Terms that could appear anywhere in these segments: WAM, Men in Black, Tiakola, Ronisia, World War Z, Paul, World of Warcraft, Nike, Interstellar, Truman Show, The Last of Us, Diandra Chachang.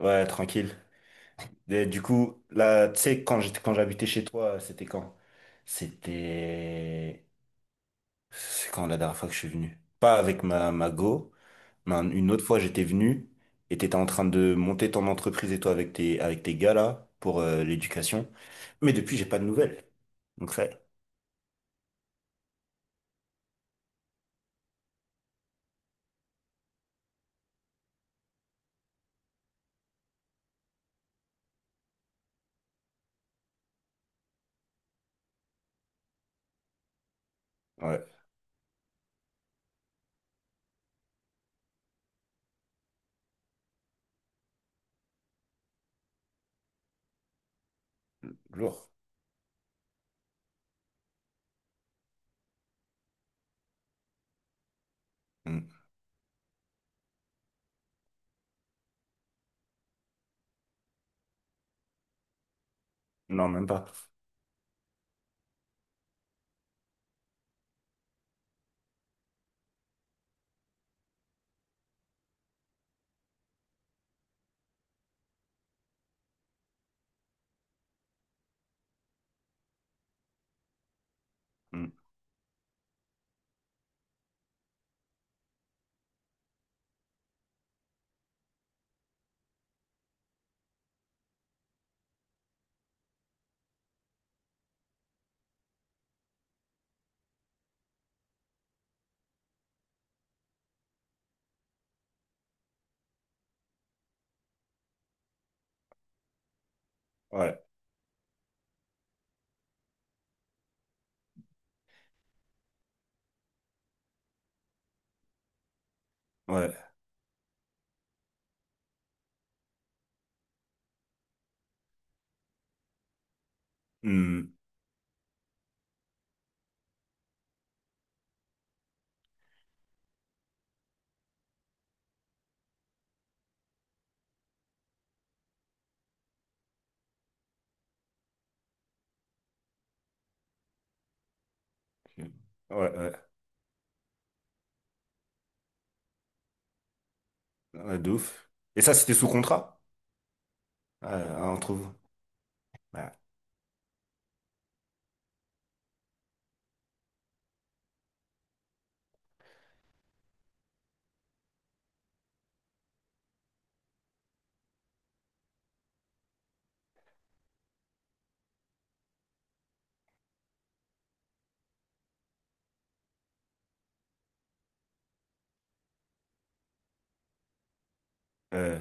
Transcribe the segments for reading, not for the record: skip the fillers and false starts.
Ouais, tranquille. Et du coup, là, tu sais, quand j'habitais chez toi, c'était quand? C'était... C'est quand la dernière fois que je suis venu? Pas avec ma go, mais une autre fois, j'étais venu et t'étais en train de monter ton entreprise et toi avec tes gars là, pour l'éducation. Mais depuis, j'ai pas de nouvelles. Donc ça. Ouais, lourd. Hmm. Non, même pas. Hmm. Ouais, ouais. Hmm. Ouais, ouais. Ouais, de ouf. Et ça, c'était sous contrat, entre vous. Ouais. Euh,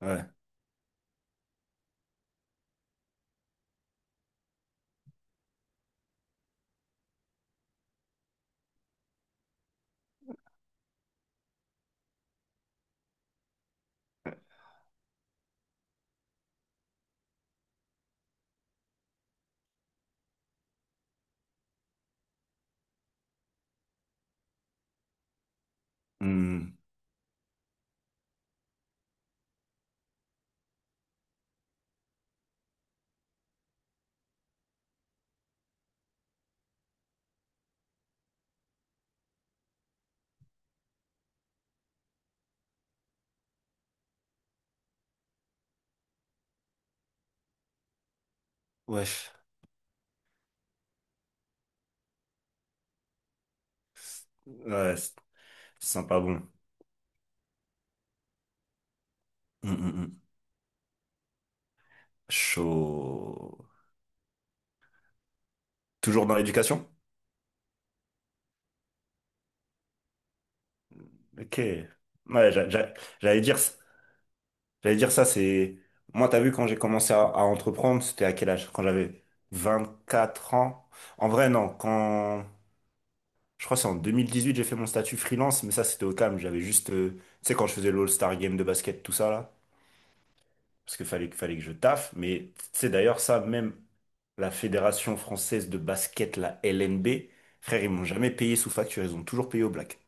ouais. Hmm. Wesh. Ouais, c'est sympa, bon. Hmm, hmm, hmm. Chaud. Toujours dans l'éducation? Ok. Ouais, j'allais dire, j'allais dire ça. Moi, t'as vu, quand j'ai commencé à entreprendre, c'était à quel âge? Quand j'avais 24 ans? En vrai, non. Je crois que c'est en 2018 j'ai fait mon statut freelance, mais ça, c'était au calme. Tu sais, quand je faisais l'All-Star Game de basket, tout ça, là. Parce qu'il fallait que je taffe. Mais, tu sais, d'ailleurs, la Fédération française de basket, la LNB, frère, ils m'ont jamais payé sous facture, ils ont toujours payé au black.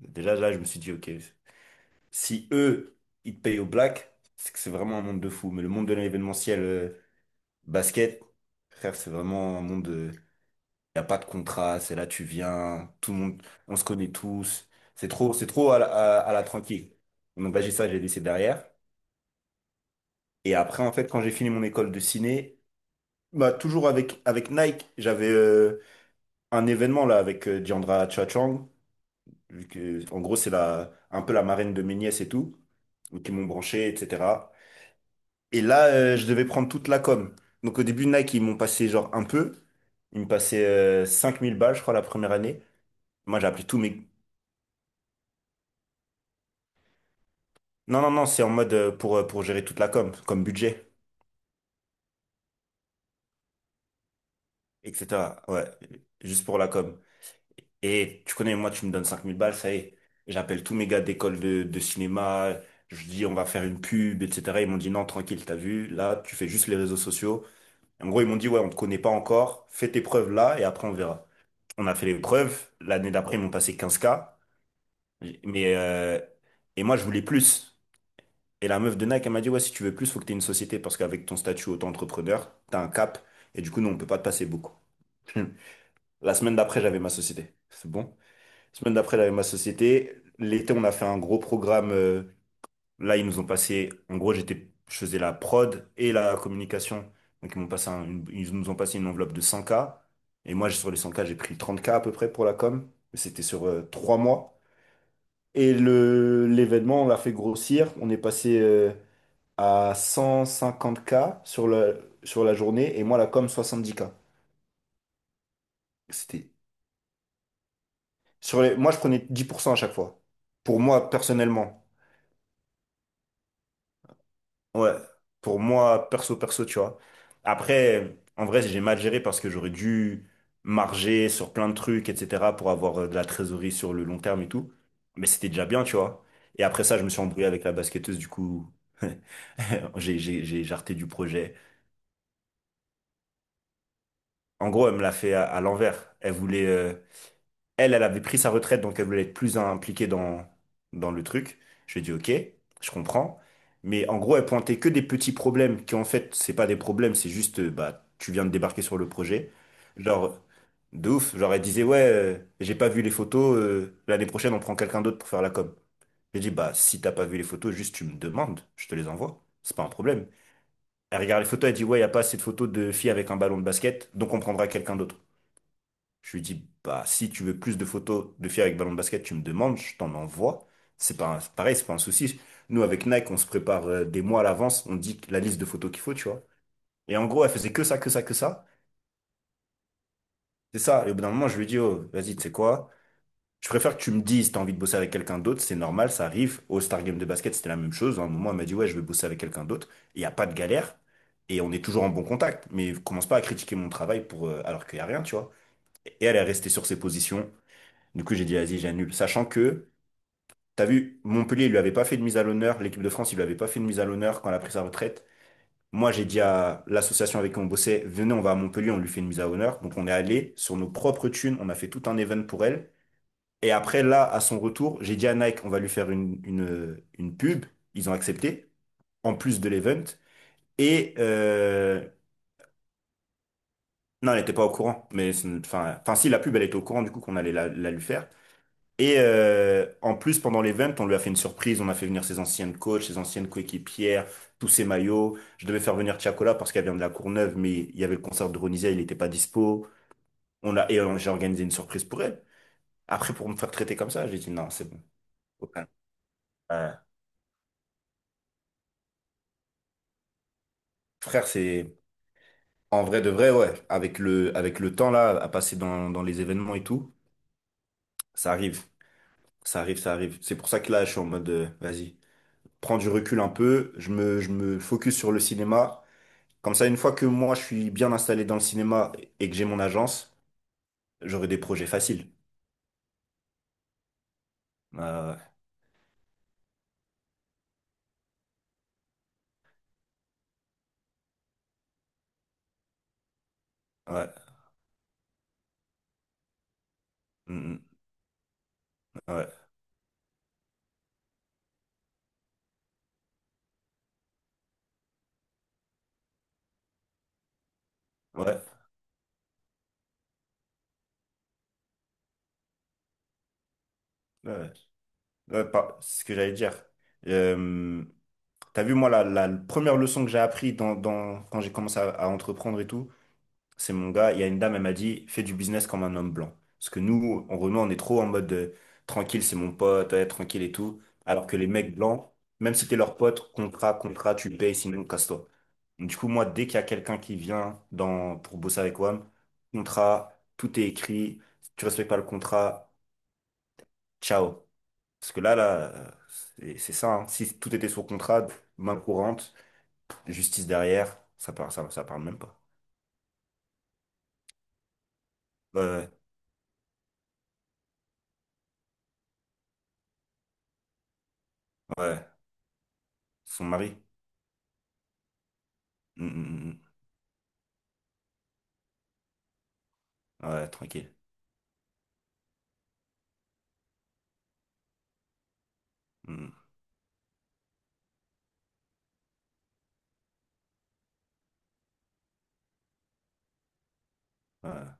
Déjà là, je me suis dit, ok, si eux, ils te payent au black, c'est que c'est vraiment un monde de fou. Mais le monde de l'événementiel basket, frère, c'est vraiment un monde. Il n'y a pas de contrat, c'est là tu viens, tout le monde, on se connaît tous. C'est trop à la tranquille. Donc là, j'ai ça, j'ai laissé derrière. Et après, en fait, quand j'ai fini mon école de ciné, bah, toujours avec Nike, un événement là avec Diandra Chachang, vu que en gros c'est la un peu la marraine de mes nièces et tout, donc ils m'ont branché, etc. Et là je devais prendre toute la com. Donc au début Nike ils m'ont passé genre un peu, ils me passaient 5000 balles je crois la première année. Moi j'ai appelé tous mes... Non, non, non, c'est en mode pour gérer toute la com, comme budget, etc. Ouais, juste pour la com. Et tu connais, moi, tu me donnes 5000 balles, ça y est. J'appelle tous mes gars d'école de cinéma, je dis on va faire une pub, etc. Ils m'ont dit non, tranquille, t'as vu, là, tu fais juste les réseaux sociaux. En gros, ils m'ont dit ouais, on te connaît pas encore, fais tes preuves là et après on verra. On a fait les preuves, l'année d'après, ils m'ont passé 15K, mais et moi, je voulais plus. Et la meuf de Nike, elle m'a dit ouais, si tu veux plus, faut que t'aies une société parce qu'avec ton statut auto-entrepreneur, t'as un cap et du coup, non, on peut pas te passer beaucoup. La semaine d'après, j'avais ma société. C'est bon? Semaine d'après, la ma société. L'été, on a fait un gros programme. Là, ils nous ont passé. En gros, je faisais la prod et la communication. Donc, ils nous ont passé une enveloppe de 100K. Et moi, sur les 100K, j'ai pris 30K à peu près pour la com. Mais c'était sur 3 mois. Et l'événement, on l'a fait grossir. On est passé à 150K sur la journée. Et moi, la com, 70K. C'était, moi, je prenais 10% à chaque fois. Pour moi, personnellement. Ouais, pour moi, perso, perso, tu vois. Après, en vrai, j'ai mal géré parce que j'aurais dû marger sur plein de trucs, etc., pour avoir de la trésorerie sur le long terme et tout. Mais c'était déjà bien, tu vois. Et après ça, je me suis embrouillé avec la basketteuse, du coup, j'ai jarté du projet. En gros, elle me l'a fait à l'envers. Elle, elle avait pris sa retraite, donc elle voulait être plus impliquée dans le truc. Je lui ai dit, ok, je comprends. Mais en gros, elle pointait que des petits problèmes qui, en fait, c'est pas des problèmes, c'est juste, bah, tu viens de débarquer sur le projet. Genre, de ouf. Genre, elle disait, ouais, j'ai pas vu les photos, l'année prochaine, on prend quelqu'un d'autre pour faire la com. J'ai dit, bah, si t'as pas vu les photos, juste tu me demandes, je te les envoie. C'est pas un problème. Elle regarde les photos, elle dit, ouais, y a pas assez de photos de filles avec un ballon de basket, donc on prendra quelqu'un d'autre. Je lui dis, bah, si tu veux plus de photos de filles avec ballon de basket, tu me demandes, je t'en envoie. C'est pas un- Pareil, c'est pas un souci. Nous, avec Nike, on se prépare des mois à l'avance, on dit la liste de photos qu'il faut, tu vois. Et en gros, elle faisait que ça, que ça, que ça. C'est ça. Et au bout d'un moment, je lui dis, oh, vas-y, tu sais quoi? Je préfère que tu me dises, t'as envie de bosser avec quelqu'un d'autre, c'est normal, ça arrive. Au Star Game de basket, c'était la même chose. À un moment, elle m'a dit, ouais, je vais bosser avec quelqu'un d'autre. Il n'y a pas de galère. Et on est toujours en bon contact. Mais commence pas à critiquer mon travail alors qu'il n'y a rien, tu vois. Et elle est restée sur ses positions. Du coup, j'ai dit, vas-y, j'annule. Sachant que, t'as vu, Montpellier, il lui avait pas fait de mise à l'honneur. L'équipe de France, il lui avait pas fait de mise à l'honneur quand elle a pris sa retraite. Moi, j'ai dit à l'association avec qui on bossait, venez, on va à Montpellier, on lui fait une mise à l'honneur. Donc, on est allé sur nos propres thunes, on a fait tout un event pour elle. Et après, là, à son retour, j'ai dit à Nike, on va lui faire une pub. Ils ont accepté, en plus de l'event. Et, euh, non, elle n'était pas au courant. Enfin, si, la pub, elle était au courant, du coup, qu'on allait la lui faire. En plus, pendant l'event, on lui a fait une surprise. On a fait venir ses anciennes coachs, ses anciennes coéquipières, tous ses maillots. Je devais faire venir Tiakola parce qu'elle vient de la Courneuve, mais il y avait le concert de Ronisia, il n'était pas dispo. On l'a et J'ai organisé une surprise pour elle. Après, pour me faire traiter comme ça, j'ai dit non, c'est bon. Au calme. Euh, Frère, c'est en vrai de vrai, ouais. Avec le temps là, à passer dans les événements et tout, ça arrive, ça arrive, ça arrive. C'est pour ça que là, je suis en mode, vas-y, prends du recul un peu. Je me focus sur le cinéma. Comme ça, une fois que moi, je suis bien installé dans le cinéma et que j'ai mon agence, j'aurai des projets faciles. Euh, ouais, mm, mm, ouais, ouais, ouais, ouais. Ouais, c'est ce que j'allais dire. Euh, T'as vu, moi, la première leçon que j'ai appris quand j'ai commencé à entreprendre et tout, c'est mon gars, il y a une dame, elle m'a dit, fais du business comme un homme blanc. Parce que nous, en Renault, on est trop en mode tranquille, c'est mon pote, ouais, tranquille et tout. Alors que les mecs blancs, même si t'es leur pote, contrat, contrat, tu payes, sinon casse-toi. Du coup, moi, dès qu'il y a quelqu'un qui pour bosser avec WAM, contrat, tout est écrit, si tu respectes pas le contrat, ciao. Parce que euh, c'est ça, hein. Si tout était sur contrat, main courante, justice derrière, ça parle, ça parle même pas. Ouais, ouais, ouais, son mari. Mm, mm, mm. Mm. Ouais, tranquille. Mm, mm. Ouais,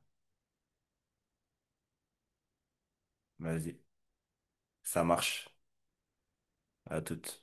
vas-y, ça marche. À toute.